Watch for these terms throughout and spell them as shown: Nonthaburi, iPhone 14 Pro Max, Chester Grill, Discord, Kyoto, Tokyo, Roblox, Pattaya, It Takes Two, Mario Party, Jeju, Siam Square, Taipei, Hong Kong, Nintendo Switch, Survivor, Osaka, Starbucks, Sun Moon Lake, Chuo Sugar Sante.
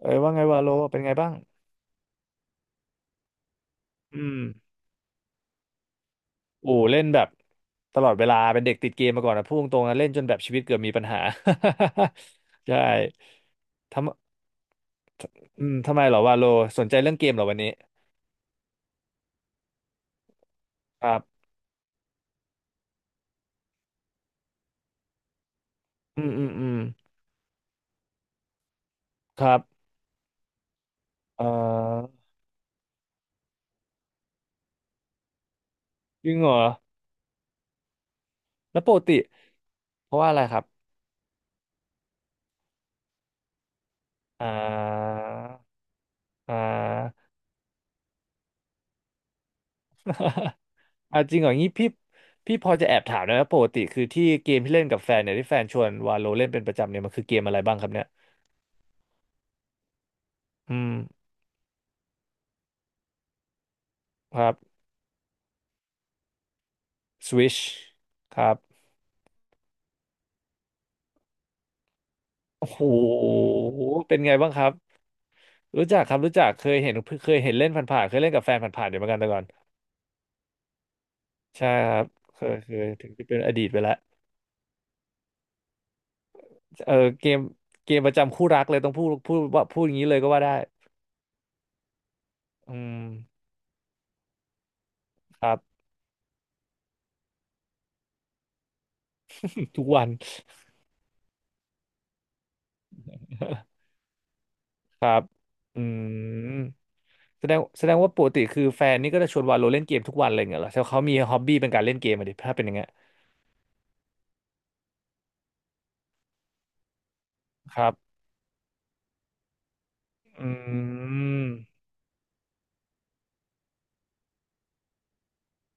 เอ้ยว่าไงวาโลเป็นไงบ้างอืมโอ้เล่นแบบตลอดเวลาเป็นเด็กติดเกมมาก่อนนะพูดตรงๆนะเล่นจนแบบชีวิตเกือบมีปัญหา ใช่ทำอืมทำไมเหรอวาโลสนใจเรื่องเกมเหรอวันนี้ครับอืมอืมอืมครับเอ่อจริงเหรอแล้วปกติเพราะว่าอะไรครับอ่าอ่าอ่าจริงเหรองี้พี่พอจะแอบถามได้ไหมปกติคือที่เกมที่เล่นกับแฟนเนี่ยที่แฟนชวนวาโลเล่นเป็นประจำเนี่ยมันคือเกมอะไรบ้างครับเนี่ยอืมครับ Switch ครับโอ้โหเป็นไงบ้างครับรู้จักครับรู้จักเคยเห็นเคยเห็นเล่นผ่านๆเคยเล่นกับแฟนผ่านๆอยู่เหมือนกันแต่ก่อนใช่ครับเคยเคยถึงจะเป็นอดีตไปแล้วเออเกมเกมประจำคู่รักเลยต้องพูดพูดว่าพูดอย่างนี้เลยก็ว่าได้อืมครับ ทุกวัน ครับอืมแสดงว่าปกติคือแฟนนี่ก็จะชวนวาโลเล่นเกมทุกวันเลยเหรอแต่เขามีฮ็อบบี้เป็นการเล่นเกมอะดิถ้าเป็นอย่างเงี้ยครับอืม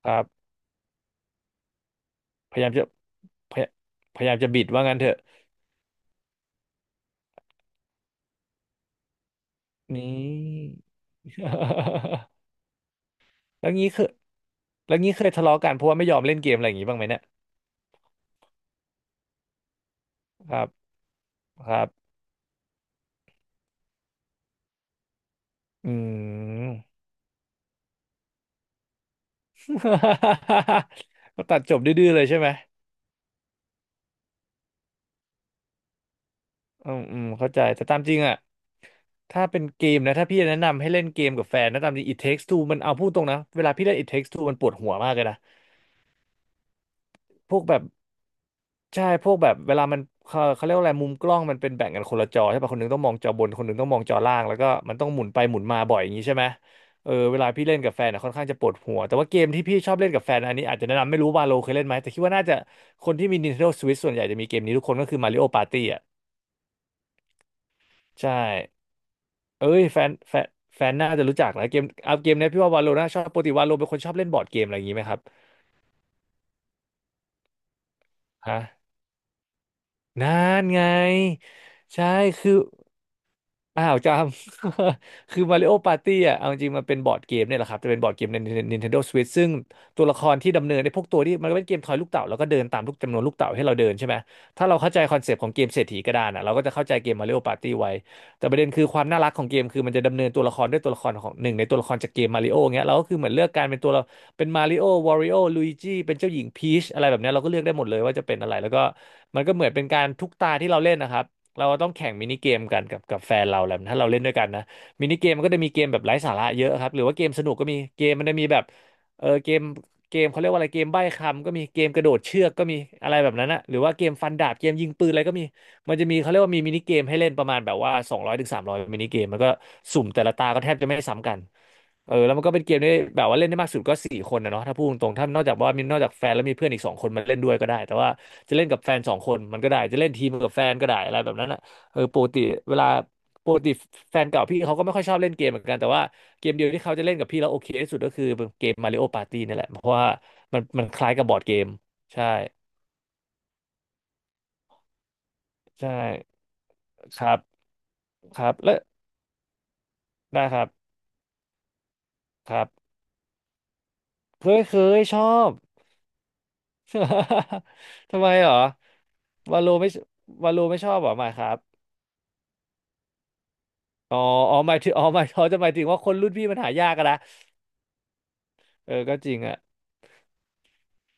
ครับพยายามจะ พยพยายามจะบิดว่างั้นเถอะนี่ แล้วงี้คือแล้วงี้เคยทะเลาะกันเพราะว่าไม่ยอมเล่นเกมอะไรอย่างงี้บ้างไหมเนี่ยครับครับอืม ก็ตัดจบดื้อๆเลยใช่ไหมอืมอืมเข้าใจแต่ตามจริงอะถ้าเป็นเกมนะถ้าพี่แนะนำให้เล่นเกมกับแฟนนะตามจริง It Takes Two มันเอาพูดตรงนะเวลาพี่เล่น It Takes Two มันปวดหัวมากเลยนะพวกแบบ ใช่พวกแบบเวลามันเขาเรียกว่าอะไรมุมกล้องมันเป็นแบ่งกันคนละจอใช่ป่ะคนหนึงต้องมองจอบนคนหนึงต้องมองจอล่างแล้วก็มันต้องหมุนไปหมุนมาบ่อยอย่างนี้ใช่ไหมเออเวลาพี่เล่นกับแฟนอะค่อนข้างจะปวดหัวแต่ว่าเกมที่พี่ชอบเล่นกับแฟนอันนี้อาจจะแนะนำไม่รู้วาโลเคยเล่นไหมแต่คิดว่าน่าจะคนที่มี Nintendo Switch ส่วนใหญ่จะมีเกมนี้ทุกคนก็คือ Mario Party อ่ะใช่เอ้ยแฟนน่าจะรู้จักนะเกมเอาเกมเนี้ยพี่ว่าวาโลน่าชอบปกติวาโลเป็นคนชอบเล่นบอร์ดเกมอะไรอย่างนี้ไหมครับฮะนั่นไงใช่ คือ อ้าวจำ คือ Mario Party อ่ะเอาจริงมันเป็นบอร์ดเกมเนี่ยแหละครับจะเป็นบอร์ดเกมใน Nintendo Switch ซึ่งตัวละครที่ดำเนินในพวกตัวที่มันก็เป็นเกมทอยลูกเต่าแล้วก็เดินตามลูกจำนวนลูกเต่าให้เราเดินใช่ไหมถ้าเราเข้าใจคอนเซปต์ของเกมเศรษฐีกระดานอ่ะเราก็จะเข้าใจเกม Mario Party ไว้แต่ประเด็นคือความน่ารักของเกมคือมันจะดำเนินตัวละครด้วยตัวละครของหนึ่งในตัวละครจากเกมมาริโอเงี้ยเราก็คือเหมือนเลือกการเป็นตัวเราเป็นมาริโอวอริโอลุยจิเป็นเจ้าหญิงพีชอะไรแบบเนี้ยเราก็เลือกได้หมดเลยว่าจะเป็นอะไรแล้วก็มันก็เหมือนเป็นการทุกตาที่เราเล่นนะครับ เราต้องแข่งมินิเกมกันกับแฟนเราแหละถ้าเราเล่นด้วยกันนะมินิเกมมันก็จะมีเกมแบบไร้สาระเยอะครับหรือว่าเกมสนุกก็มีเกมมันจะมีแบบเออเกมเขาเรียกว่าอะไรเกมใบ้คำก็มีเกมกระโดดเชือกก็มีอะไรแบบนั้นนะหรือว่าเกมฟันดาบเกมยิงปืนอะไรก็มีมันจะมีเขาเรียกว่ามีมินิเกมให้เล่นประมาณแบบว่า200-300มินิเกมมันก็สุ่มแต่ละตาก็แทบจะไม่ซ้ำกัน เออแล้วมันก็เป็นเกมที่แบบว่าเล่นได้มากสุดก็4 คนนะเนาะถ้าพูดตรงๆถ้านอกจากว่ามีนอกจากแฟนแล้วมีเพื่อนอีกสองคนมาเล่นด้วยก็ได้แต่ว่าจะเล่นกับแฟนสองคนมันก็ได้จะเล่นทีมกับแฟนก็ได้อะไรแบบนั้นอ่ะเออปกติเวลาปกติแฟนเก่าพี่เขาก็ไม่ค่อยชอบเล่นเกมเหมือนกันแต่ว่าเกมเดียวที่เขาจะเล่นกับพี่แล้วโอเคที่สุดก็คือเกมมาริโอปาร์ตี้นี่แหละเพราะว่ามันมันคล้ายกับบอร์ดเกมใช่ใช่ครับครับและได้ครับครับเคยเคยชอบ ทำไมเหรอวาโลไม่วาโลไม่ชอบเหรอหมายครับอ๋ออ๋อหมายถึงอ๋อหมายเขาจะหมายถึงว่าคนรุ่นพี่มันหายากอะนะเออก็จริงอะ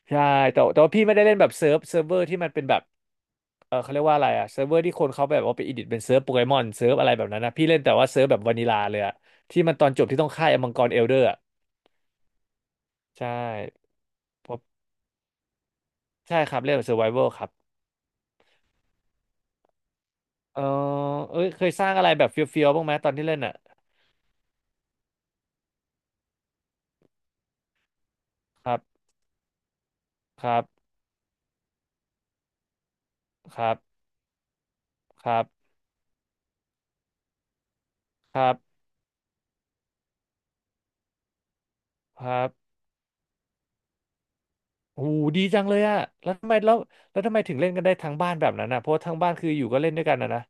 ใช่แต่ว่าพี่ไม่ได้เล่นแบบเซิร์ฟเวอร์ที่มันเป็นแบบเออเขาเรียกว่าอะไรอะเซิร์ฟเวอร์ที่คนเขาแบบว่าไปอิดิทเป็นเซิร์ฟโปเกมอนเซิร์ฟอะไรแบบนั้นนะพี่เล่นแต่ว่าเซิร์ฟแบบวานิลาเลยอะที่มันตอนจบที่ต้องฆ่าไอ้มังกรเอลเดอร์อะใช่เพราะใช่ครับเล่นแบบเซอร์ไวเวอร์ครับเออเอ้ยเคยสร้างอะไรแบบเฟี้ยวๆบ้างไหมตอนที่เล่นอะครับครับครับครับครับ ครับโอ้โหดีจังเลยอะแล้วทำไมแล้วแล้วทำไมถึงเล่นกันได้ทั้งบ้านแบบนั้นอะเพราะว่าทั้งบ้านคืออยู่ก็เล่นด้วยกันนะนะ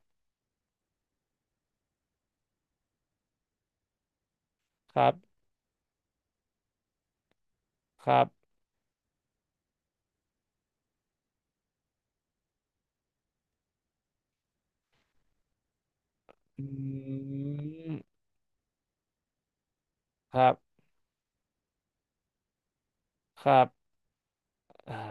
ครับครับอืมครับครับอ่า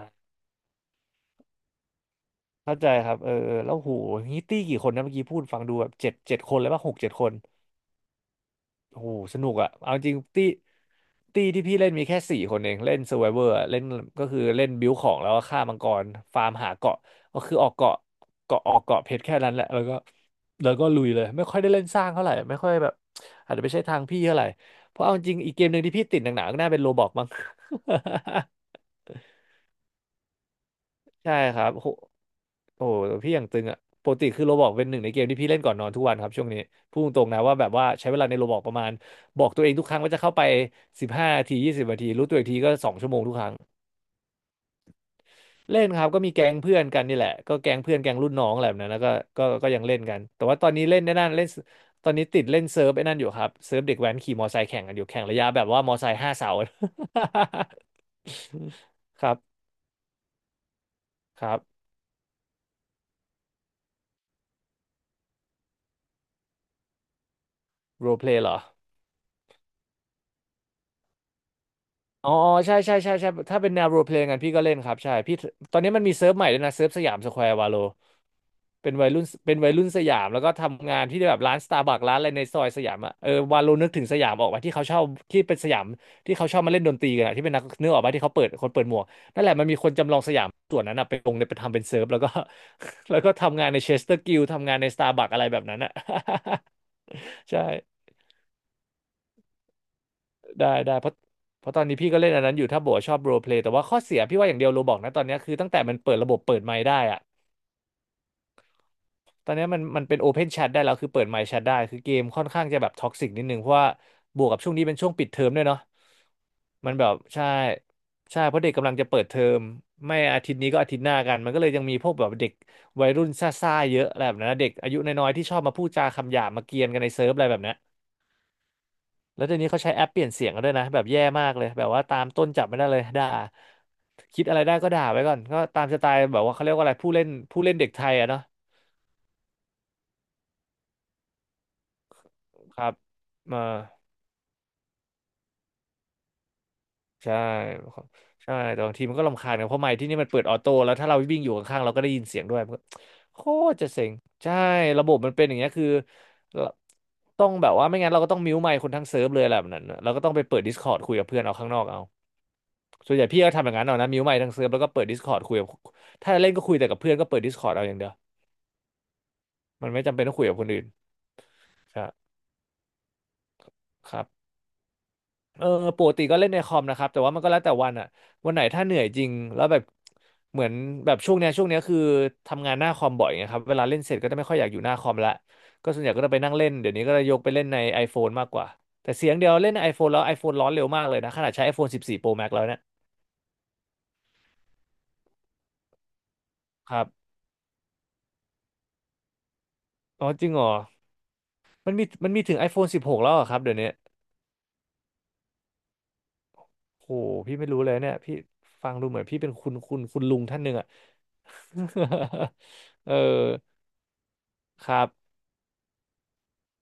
เข้าใจครับ เออเออแล้วโหงนี้ตี้กี่คนนะเมื่อกี้พูดฟังดูแบบเจ็ดคนเลยป่ะหกเจ็ดคน โอ้โหสนุกอะเอาจริงตี้ตี้ที่พี่เล่นมีแค่4 คนเองเล่น Survivor อะเล่นก็คือเล่นบิวของแล้วก็ฆ่ามังกรฟาร์มหาเกาะก็คือออกเกาะเกาะออกเกาะเพชรแค่นั้นแหละแล้วก็แล้วก็ลุยเลยไม่ค่อยได้เล่นสร้างเท่าไหร่ไม่ค่อยแบบอาจจะไม่ใช่ทางพี่เท่าไหร่เพราะเอาจริงอีกเกมหนึ่งที่พี่ติดหนักๆก็น่าเป็นโรบอกมั้ง ใช่ครับโหโอ้โหพี่อย่างตึงอะปกติคือโรบอกเป็นหนึ่งในเกมที่พี่เล่นก่อนนอนทุกวันครับช่วงนี้พูดตรงๆนะว่าแบบว่าใช้เวลาในโรบอกประมาณบอกตัวเองทุกครั้งว่าจะเข้าไป15 นาที20 นาทีรู้ตัวอีกทีก็2 ชั่วโมงทุกครั้งเล่นครับก็มีแก๊งเพื่อนกันนี่แหละก็แก๊งเพื่อนแก๊งรุ่นน้องอะไรแบบนั้นแล้วก็ก็ยังเล่นกันแต่ว่าตอนนี้เล่นในนั่นเล่นตอนนี้ติดเล่นเซิร์ฟไอ้นั่นอยู่ครับเซิร์ฟเด็กแว้นขี่มอไซค์แข่งกันอยู่แข่งระยะแบบว่ามอไซค์5 เสา ครับครับโรเพลย์เหรอ อ๋อใช่ใช่ใช่ใช่ถ้าเป็นแนวโรลเพลย์กันพี่ก็เล่นครับใช่พี่ตอนนี้มันมีเซิร์ฟใหม่ด้วยนะเซิร์ฟสยามสแควร์วาโลเป็นวัยรุ่นเป็นวัยรุ่นสยามแล้วก็ทำงานที่แบบร้านสตาร์บัคร้านอะไรในซอยสยามอ่ะเออวาโลนึกถึงสยามออกมาที่เขาชอบที่เป็นสยามที่เขาชอบมาเล่นดนตรีกันอะที่เป็นนักนึกออกมาที่เขาเปิดคนเปิดหมวกนั่นแหละมันมีคนจำลองสยามส่วนนั้นอ่ะไปลงในไปทำเป็นเซิร์ฟแล้วก็ แล้วก็ทำงานในเชสเตอร์กิลทำงานในสตาร์บัคอะไรแบบนั้นอ่ะ ใช่ ได้ได้เพราะตอนนี้พี่ก็เล่นอันนั้นอยู่ถ้าโบกว่าชอบโรลเพลย์แต่ว่าข้อเสียพี่ว่าอย่างเดียวโรบอกนะตอนเนี้ยคือตั้งแต่มันเปิดระบบเปิดไมค์ได้อะตอนเนี้ยมันเป็นโอเพนแชทได้แล้วคือเปิดไมค์แชทได้คือเกมค่อนข้างจะแบบท็อกซิกนิดนึงเพราะว่าบวกกับช่วงนี้เป็นช่วงปิดเทอมด้วยเนาะมันแบบใช่ใช่เพราะเด็กกำลังจะเปิดเทอมไม่อาทิตย์นี้ก็อาทิตย์หน้ากันมันก็เลยยังมีพวกแบบเด็กวัยรุ่นซ่าๆเยอะอะไรแบบนั้นนะเด็กอายุน้อยๆที่ชอบมาพูดจาคำหยาบมาเกรียนกันในเซิร์ฟอะไรแบบนั้น แล้วเดี๋ยวนี้เขาใช้แอปเปลี่ยนเสียงกันด้วยนะแบบแย่มากเลยแบบว่าตามต้นจับไม่ได้เลยด่าคิดอะไรได้ก็ด่าไว้ก่อนก็ตามสไตล์แบบว่าเขาเรียกว่าอะไรผู้เล่นเด็กไทยอะเนาะครับมาใช่ใช่แต่บางทีมันก็รำคาญกันเพราะไมค์ที่นี่มันเปิดออโต้แล้วถ้าเราวิ่งอยู่ข้างๆเราก็ได้ยินเสียงด้วยมันก็โคตรจะเซ็งใช่ระบบมันเป็นอย่างเงี้ยคือต้องแบบว่าไม่งั้นเราก็ต้องมิวไมค์คนทั้งเซิร์ฟเลยแหละแบบนั้นน่ะเราก็ต้องไปเปิด Discord คุยกับเพื่อนเอาข้างนอกเอา ส่วนใหญ่พี่ก็ทำอย่างนั้นเอานะมิวใหม่ทั้งเซิร์ฟแล้วก็เปิด Discord คุยกับถ้าเล่นก็คุยแต่กับเพื่อนก็เปิด Discord เอาอย่างเดียวมันไม่จำเป็นต้องคุยกับคนอื่นครับครับเออปกติก็เล่นในคอมนะครับแต่ว่ามันก็แล้วแต่วันอะวันไหนถ้าเหนื่อยจริงแล้วแบบเหมือนแบบช่วงเนี้ยคือทำงานหน้าคอมบ่อยไงครับเวลาเล่นเสร็จก็จะไม่ค่อยอยากอยู่หน้าคอมละก็ส่วนใหญ่ก็จะไปนั่งเล่นเดี๋ยวนี้ก็จะยกไปเล่นใน iPhone มากกว่าแต่เสียงเดียวเล่นใน iPhone แล้ว iPhone ร้อนเร็วมากเลยนะขนาดใช้ iPhone 14 Pro Max แล้วเนี่ยครับอ๋อจริงเหรอมันมีถึง iPhone 16แล้วเหรอครับเดี๋ยวนี้ โหพี่ไม่รู้เลยเนี่ยพี่ฟังดูเหมือนพี่เป็นคุณคุณลุงท่านหนึ่งอ่ะ เออครับ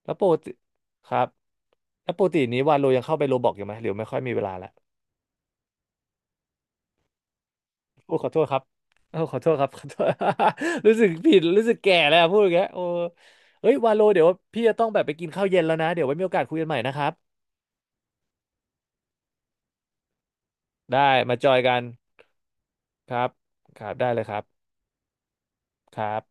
แล้วปกติครับแล้วปกตินี้วาโลยังเข้าไปโรบอกอยู่ไหมหรือไม่ค่อยมีเวลาละโอ้ขอโทษครับโอ้ขอโทษครับ ขอโทษ รู้สึกผิดรู้สึกแก่แล้วพูดอย่างเงี้ยโอ้เอ้ยวาโลเดี๋ยวพี่จะต้องแบบไปกินข้าวเย็นแล้วนะเดี๋ยวไว้มีโอกาสคุยกันใหม่นะครับได้มาจอยกันครับครับได้เลยครับครับ